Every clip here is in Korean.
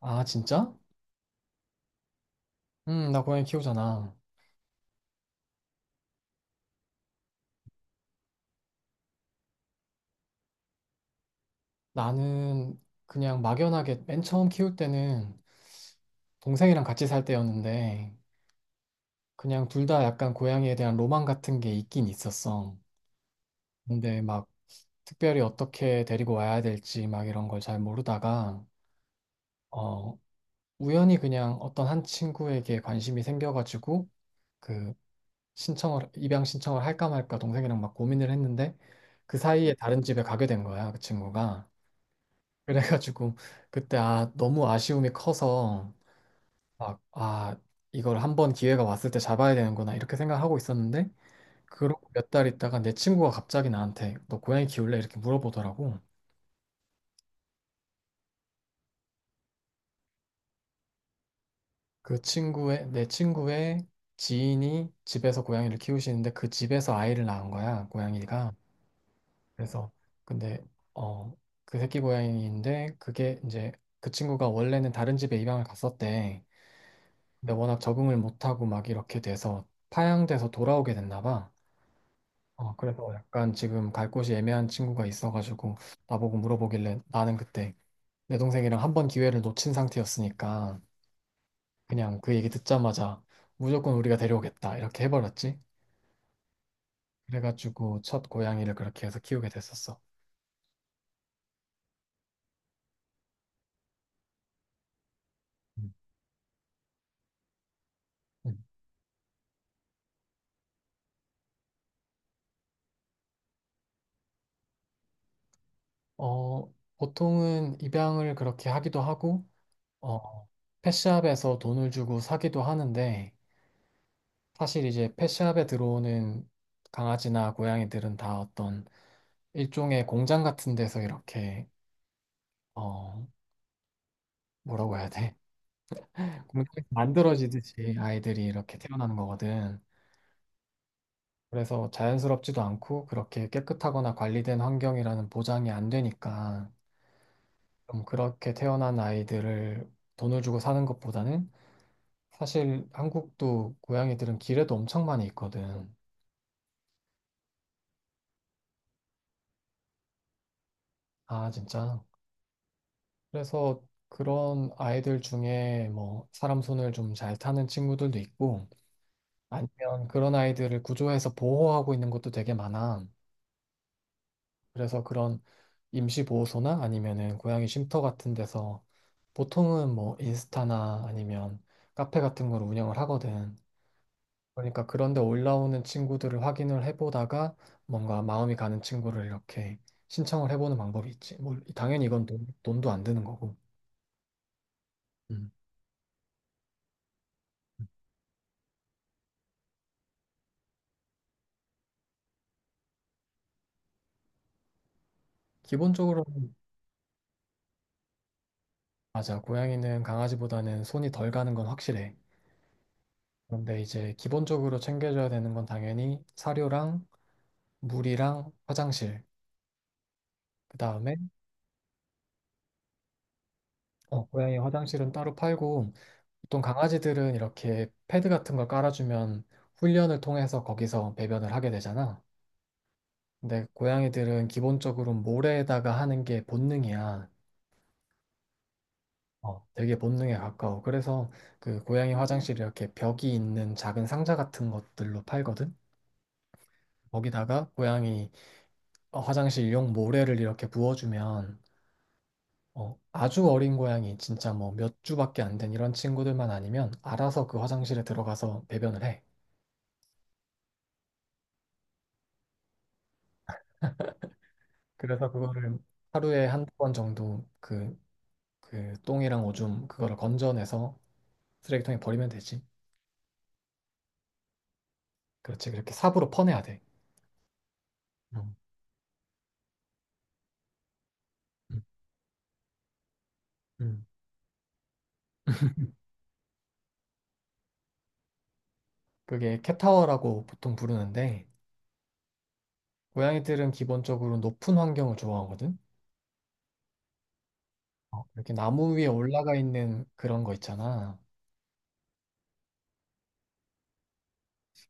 아, 진짜? 나 고양이 키우잖아. 나는 그냥 막연하게 맨 처음 키울 때는 동생이랑 같이 살 때였는데 그냥 둘 다 약간 고양이에 대한 로망 같은 게 있긴 있었어. 근데 막 특별히 어떻게 데리고 와야 될지 막 이런 걸 잘 모르다가 어, 우연히 그냥 어떤 한 친구에게 관심이 생겨가지고 그 신청을 입양 신청을 할까 말까 동생이랑 막 고민을 했는데 그 사이에 다른 집에 가게 된 거야, 그 친구가. 그래가지고 그때 아 너무 아쉬움이 커서 막 아 이걸 한번 기회가 왔을 때 잡아야 되는구나 이렇게 생각하고 있었는데 그러고 몇 달 있다가 내 친구가 갑자기 나한테 너 고양이 키울래? 이렇게 물어보더라고. 그 친구의 내 친구의 지인이 집에서 고양이를 키우시는데 그 집에서 아이를 낳은 거야 고양이가. 그래서 근데 어 그 새끼 고양이인데 그게 이제 그 친구가 원래는 다른 집에 입양을 갔었대. 근데 워낙 적응을 못하고 막 이렇게 돼서 파양돼서 돌아오게 됐나 봐. 어, 그래서 약간 지금 갈 곳이 애매한 친구가 있어가지고 나보고 물어보길래 나는 그때 내 동생이랑 한 번 기회를 놓친 상태였으니까 그냥 그 얘기 듣자마자 무조건 우리가 데려오겠다 이렇게 해버렸지. 그래가지고 첫 고양이를 그렇게 해서 키우게 됐었어. 음, 음. 어, 보통은 입양을 그렇게 하기도 하고 어, 펫샵에서 돈을 주고 사기도 하는데 사실 이제 펫샵에 들어오는 강아지나 고양이들은 다 어떤 일종의 공장 같은 데서 이렇게 어 뭐라고 해야 돼? 공장에서 만들어지듯이 아이들이 이렇게 태어나는 거거든. 그래서 자연스럽지도 않고 그렇게 깨끗하거나 관리된 환경이라는 보장이 안 되니까 좀 그렇게 태어난 아이들을 돈을 주고 사는 것보다는 사실 한국도 고양이들은 길에도 엄청 많이 있거든. 아 진짜. 그래서 그런 아이들 중에 뭐 사람 손을 좀 잘 타는 친구들도 있고 아니면 그런 아이들을 구조해서 보호하고 있는 것도 되게 많아. 그래서 그런 임시보호소나 아니면은 고양이 쉼터 같은 데서 보통은 뭐 인스타나 아니면 카페 같은 걸 운영을 하거든. 그러니까 그런데 올라오는 친구들을 확인을 해보다가 뭔가 마음이 가는 친구를 이렇게 신청을 해보는 방법이 있지. 뭐 당연히 이건 돈도 안 드는 거고. 음. 기본적으로. 맞아. 고양이는 강아지보다는 손이 덜 가는 건 확실해. 그런데 이제 기본적으로 챙겨줘야 되는 건 당연히 사료랑 물이랑 화장실. 그 다음에 어, 고양이 화장실은 따로 팔고 보통 강아지들은 이렇게 패드 같은 걸 깔아주면 훈련을 통해서 거기서 배변을 하게 되잖아. 근데 고양이들은 기본적으로 모래에다가 하는 게 본능이야. 어, 되게 본능에 가까워. 그래서 그 고양이 화장실 이렇게 벽이 있는 작은 상자 같은 것들로 팔거든. 거기다가 고양이 화장실용 모래를 이렇게 부어주면 아주 어린 고양이 진짜 뭐 몇 주밖에 안 된 이런 친구들만 아니면 알아서 그 화장실에 들어가서 배변을 해. 그래서 그거를 하루에 한두 번 정도 그, 똥이랑 오줌 그거를 건져내서 쓰레기통에 버리면 되지. 그렇지. 그렇게 삽으로 퍼내야 돼. 음, 음, 음. 그게 캣타워라고 보통 부르는데 고양이들은 기본적으로 높은 환경을 좋아하거든. 어, 이렇게 나무 위에 올라가 있는 그런 거 있잖아.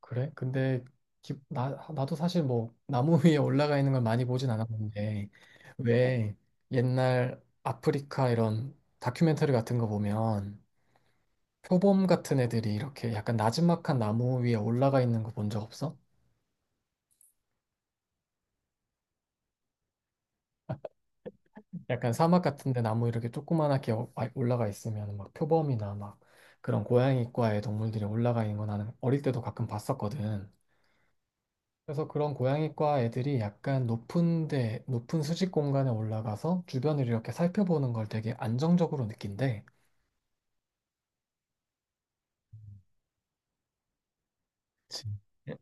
그래? 근데 기- 나, 나도 사실 뭐 나무 위에 올라가 있는 걸 많이 보진 않았는데 왜 옛날 아프리카 이런 다큐멘터리 같은 거 보면 표범 같은 애들이 이렇게 약간 나지막한 나무 위에 올라가 있는 거 본 적 없어? 약간 사막 같은데 나무 이렇게 조그만하게 올라가 있으면 막 표범이나 막 그런 고양이과의 동물들이 올라가 있는 거 나는 어릴 때도 가끔 봤었거든. 그래서 그런 고양이과 애들이 약간 높은 수직 공간에 올라가서 주변을 이렇게 살펴보는 걸 되게 안정적으로 느낀대. 그치. 예.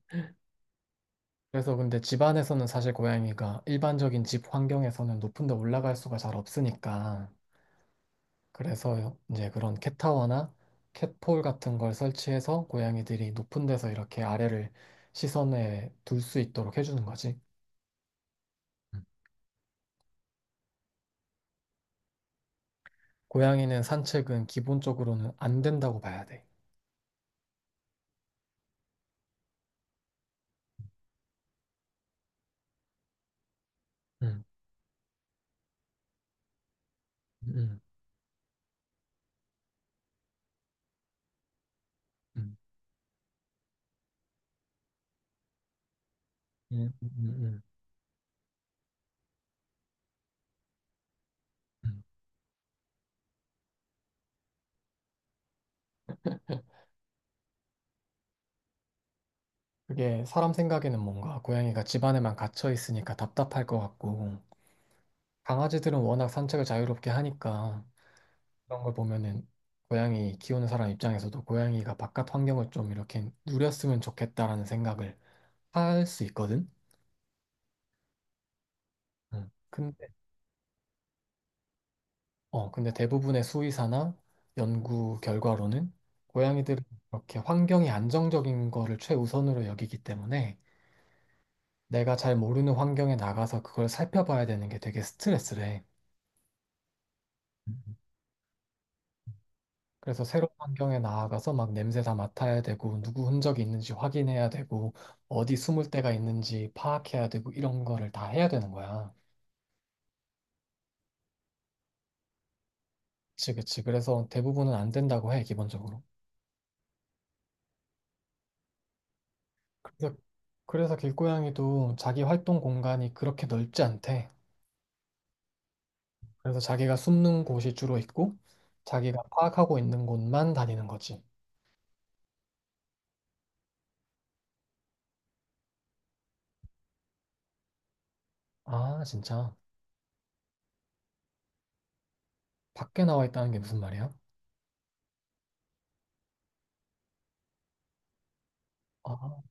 그래서 근데 집안에서는 사실 고양이가 일반적인 집 환경에서는 높은 데 올라갈 수가 잘 없으니까. 그래서 이제 그런 캣타워나 캣폴 같은 걸 설치해서 고양이들이 높은 데서 이렇게 아래를 시선에 둘 수 있도록 해주는 거지. 음, 고양이는 산책은 기본적으로는 안 된다고 봐야 돼. 음, 음. 음. 음, 음, 음, 음. 그게 사람 생각에는 뭔가 고양이가 집 안에만 갇혀 있으니까 답답할 것 같고 강아지들은 워낙 산책을 자유롭게 하니까 그런 걸 보면은 고양이 키우는 사람 입장에서도 고양이가 바깥 환경을 좀 이렇게 누렸으면 좋겠다라는 생각을 할 수 있거든. 음, 근데 근데 대부분의 수의사나 연구 결과로는 고양이들은 이렇게 환경이 안정적인 거를 최우선으로 여기기 때문에 내가 잘 모르는 환경에 나가서 그걸 살펴봐야 되는 게 되게 스트레스래. 음. 그래서 새로운 환경에 나아가서 막 냄새 다 맡아야 되고, 누구 흔적이 있는지 확인해야 되고, 어디 숨을 데가 있는지 파악해야 되고, 이런 거를 다 해야 되는 거야. 그치, 그치. 그래서 대부분은 안 된다고 해, 기본적으로. 그래서, 그래서 길고양이도 자기 활동 공간이 그렇게 넓지 않대. 그래서 자기가 숨는 곳이 주로 있고, 자기가 파악하고 있는 곳만 다니는 거지. 아, 진짜. 밖에 나와 있다는 게 무슨 말이야? 아,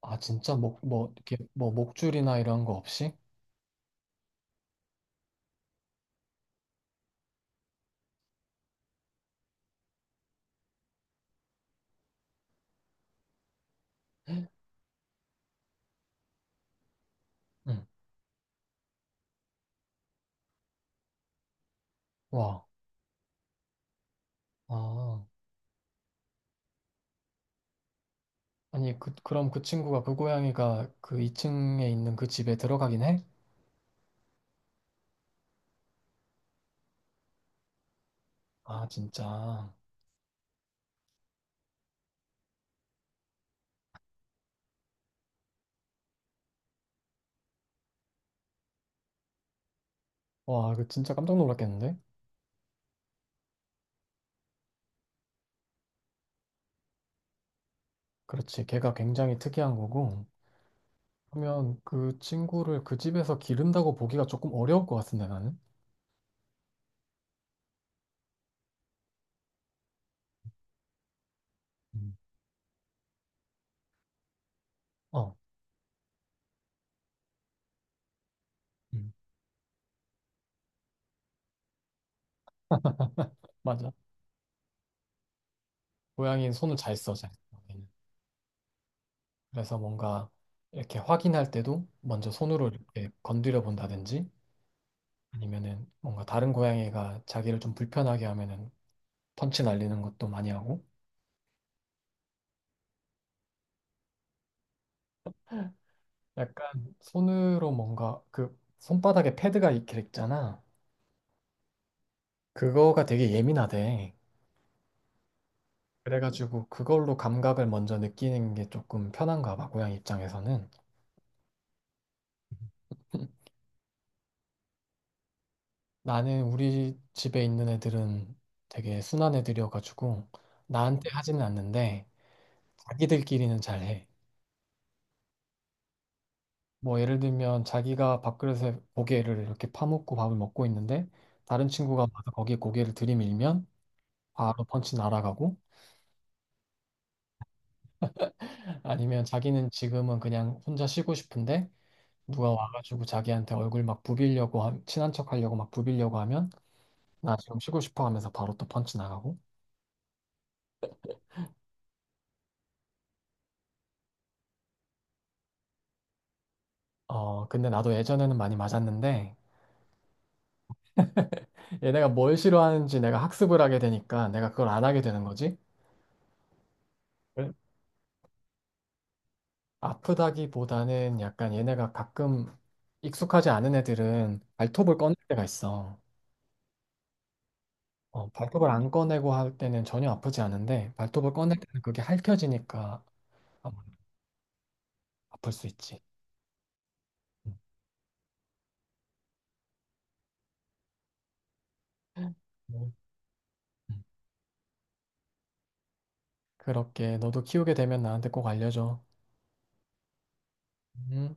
아, 진짜 목, 뭐, 이렇게, 뭐, 목줄이나 이런 거 없이? 응. 와. 아. 아니, 그럼 그 고양이가 그 2층에 있는 그 집에 들어가긴 해? 아, 진짜. 와, 그 진짜 깜짝 놀랐겠는데? 그렇지. 걔가 굉장히 특이한 거고. 그러면 그 친구를 그 집에서 기른다고 보기가 조금 어려울 것 같은데, 나는? 음, 어, 음, 맞아. 고양이는 손을 잘 써, 잘 써. 얘는. 그래서 뭔가 이렇게 확인할 때도 먼저 손으로 이렇게 건드려 본다든지 아니면은 뭔가 다른 고양이가 자기를 좀 불편하게 하면은 펀치 날리는 것도 많이 하고 약간 손으로 뭔가 그 손바닥에 패드가 이렇게 있잖아 그거가 되게 예민하대 그래가지고 그걸로 감각을 먼저 느끼는 게 조금 편한가 봐 고양이 입장에서는. 나는 우리 집에 있는 애들은 되게 순한 애들이어가지고 나한테 하지는 않는데 자기들끼리는 잘해. 뭐 예를 들면 자기가 밥그릇에 고개를 이렇게 파묻고 밥을 먹고 있는데 다른 친구가 와서 거기에 고개를 들이밀면 바로 펀치 날아가고 아니면 자기는 지금은 그냥 혼자 쉬고 싶은데 누가 와가지고 자기한테 얼굴 막 부비려고 친한 척 하려고 막 부비려고 하면 나 지금 쉬고 싶어 하면서 바로 또 펀치 나가고. 어 근데 나도 예전에는 많이 맞았는데 얘네가 뭘 싫어하는지 내가 학습을 하게 되니까 내가 그걸 안 하게 되는 거지. 아프다기보다는 약간 얘네가 가끔 익숙하지 않은 애들은 발톱을 꺼낼 때가 있어. 어, 발톱을 안 꺼내고 할 때는 전혀 아프지 않은데 발톱을 꺼낼 때는 그게 핥혀지니까 아마 아플 수 있지. 음. 음. 그렇게 너도 키우게 되면 나한테 꼭 알려줘. 음.